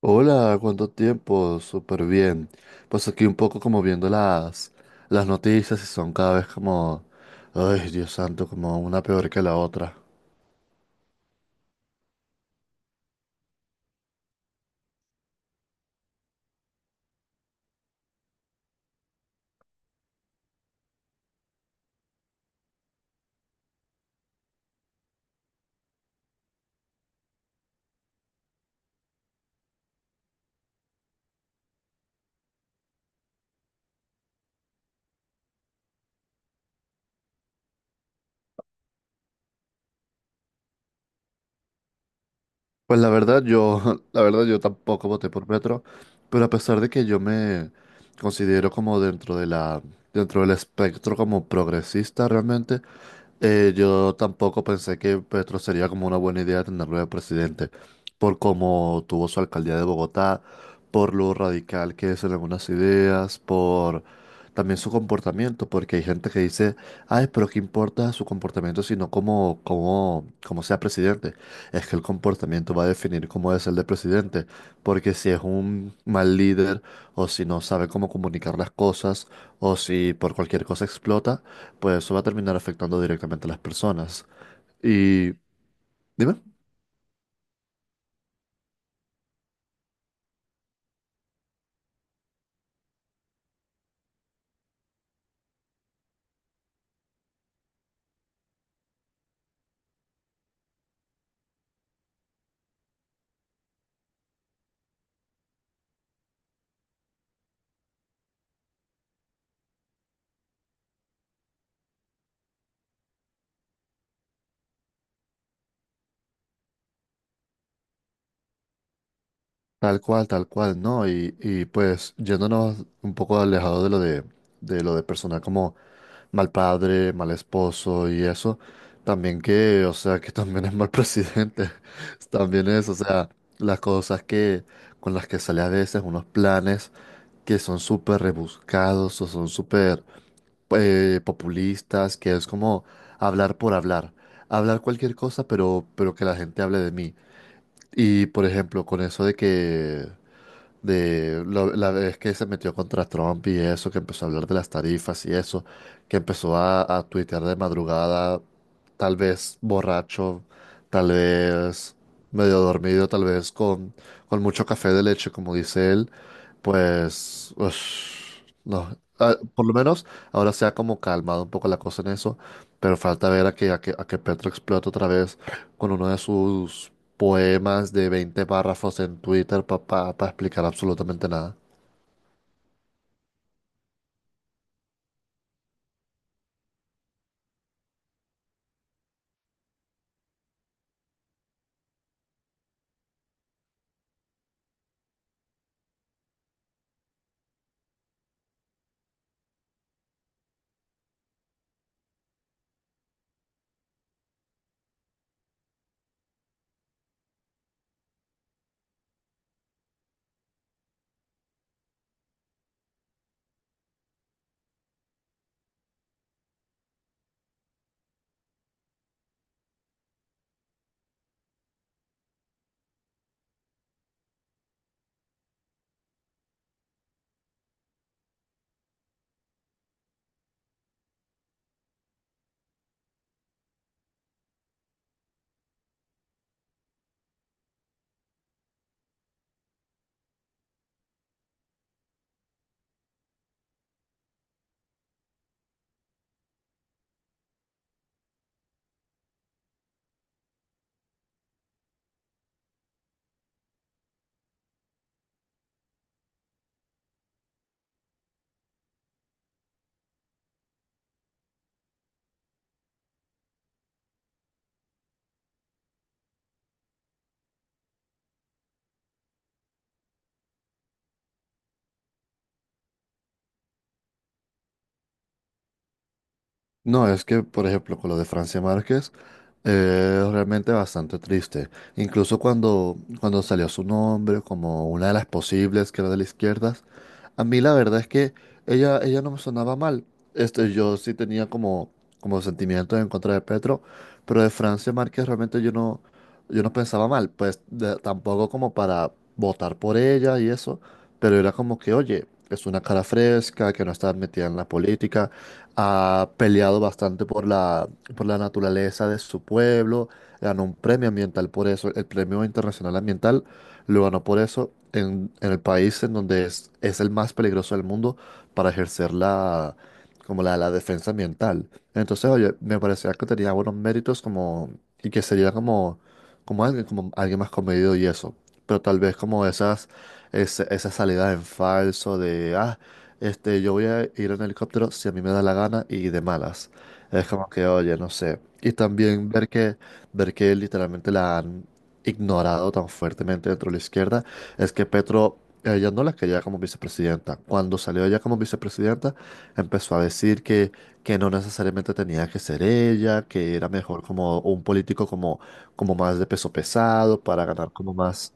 Hola, ¿cuánto tiempo? Súper bien. Pues aquí un poco como viendo las noticias y son cada vez como, ay, Dios santo, como una peor que la otra. Pues la verdad yo, la verdad yo tampoco voté por Petro, pero a pesar de que yo me considero como dentro de la, dentro del espectro como progresista realmente, yo tampoco pensé que Petro sería como una buena idea tenerlo de presidente, por cómo tuvo su alcaldía de Bogotá, por lo radical que es en algunas ideas, por también su comportamiento, porque hay gente que dice, ay, pero qué importa su comportamiento, sino como sea presidente. Es que el comportamiento va a definir cómo es el del presidente, porque si es un mal líder o si no sabe cómo comunicar las cosas o si por cualquier cosa explota, pues eso va a terminar afectando directamente a las personas. Y dime, tal cual, ¿no? Y pues yéndonos un poco alejado de lo de lo de personal como mal padre, mal esposo y eso. También que, o sea, que también es mal presidente. También es, o sea, las cosas que con las que sale a veces, unos planes que son súper rebuscados o son súper populistas, que es como hablar por hablar. Hablar cualquier cosa, pero que la gente hable de mí. Y, por ejemplo, con eso de que la vez que se metió contra Trump y eso, que empezó a hablar de las tarifas y eso, que empezó a tuitear de madrugada, tal vez borracho, tal vez medio dormido, tal vez con mucho café de leche, como dice él, pues, ush, no. Ah, por lo menos ahora se ha como calmado un poco la cosa en eso, pero falta ver a que Petro explote otra vez con uno de sus poemas de 20 párrafos en Twitter para explicar absolutamente nada. No, es que, por ejemplo, con lo de Francia Márquez, es realmente bastante triste. Incluso cuando salió su nombre como una de las posibles que era de la izquierda, a mí la verdad es que ella no me sonaba mal. Este, yo sí tenía como, como sentimientos en contra de Petro, pero de Francia Márquez realmente yo no pensaba mal. Tampoco como para votar por ella y eso, pero era como que, oye, es una cara fresca, que no está metida en la política, ha peleado bastante por la naturaleza de su pueblo, ganó un premio ambiental por eso, el Premio Internacional Ambiental lo ganó por eso en el país en donde es el más peligroso del mundo para ejercer la defensa ambiental. Entonces, oye, me parecía que tenía buenos méritos como, y que sería como, como alguien más comedido y eso. Pero tal vez como esas, esa salida en falso de, ah, este, yo voy a ir en helicóptero si a mí me da la gana y de malas. Es como que, oye, no sé. Y también ver ver que literalmente la han ignorado tan fuertemente dentro de la izquierda, es que Petro, ella no la quería como vicepresidenta. Cuando salió ella como vicepresidenta, empezó a decir que no necesariamente tenía que ser ella, que era mejor como un político como, como más de peso pesado para ganar como más.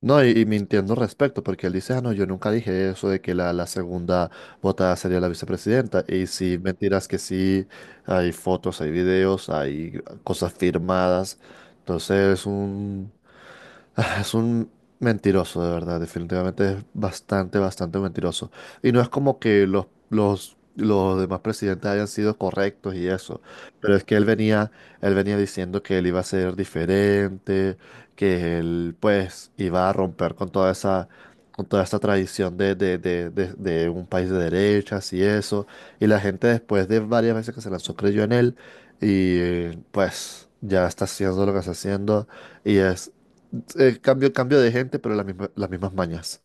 No, y mintiendo al respecto, porque él dice, ah, no, yo nunca dije eso de que la segunda votada sería la vicepresidenta. Y si mentiras que sí, hay fotos, hay videos, hay cosas firmadas. Entonces es un, ah, es un mentiroso, de verdad. Definitivamente es bastante, bastante mentiroso. Y no es como que los demás presidentes hayan sido correctos y eso. Pero es que él venía diciendo que él iba a ser diferente, que él, pues, iba a romper con toda esa tradición de un país de derechas y eso. Y la gente, después de varias veces que se lanzó, creyó en él. Y pues, ya está haciendo lo que está haciendo. Y es cambio, cambio de gente, pero las mismas mañas.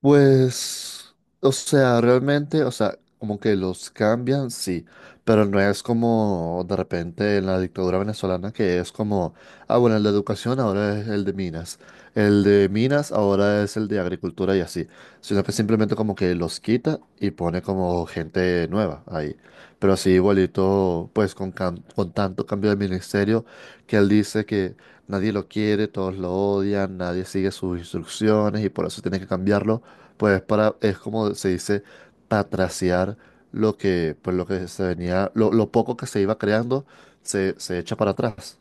Pues, o sea, realmente, o sea, como que los cambian, sí, pero no es como de repente en la dictadura venezolana que es como, ah, bueno, el de educación ahora es el de minas ahora es el de agricultura y así, sino que simplemente como que los quita y pone como gente nueva ahí. Pero así igualito, pues con tanto cambio de ministerio que él dice que nadie lo quiere, todos lo odian, nadie sigue sus instrucciones y por eso tiene que cambiarlo, pues para, es como se dice, patraciar lo que, pues lo que se venía, lo poco que se iba creando, se echa para atrás.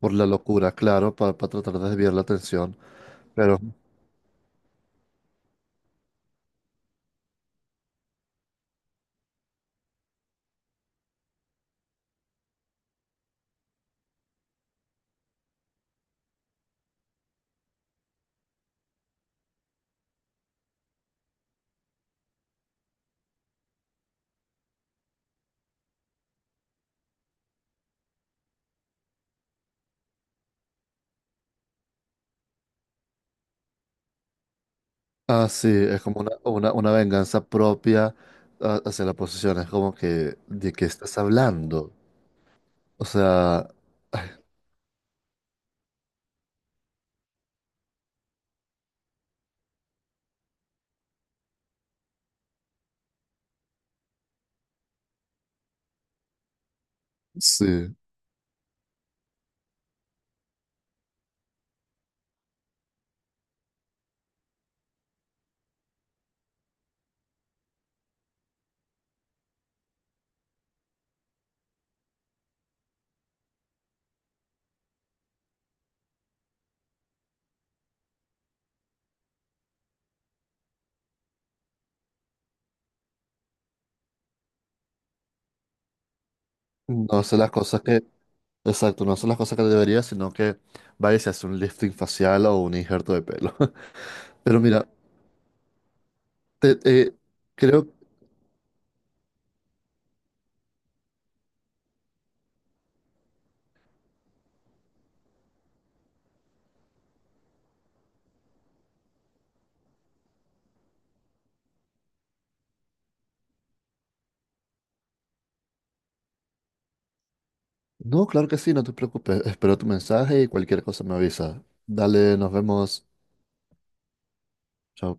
Por la locura, claro, para tratar de desviar la atención. Pero, ah, sí, es como una venganza propia, ah, hacia la oposición. Es como que, ¿de qué estás hablando? O sea, sí, no sé las cosas exacto, no sé las cosas que debería, sino que vaya, y se hace un lifting facial o un injerto de pelo. Pero mira, Te- eh, creo, no, claro que sí, no te preocupes. Espero tu mensaje y cualquier cosa me avisa. Dale, nos vemos. Chao.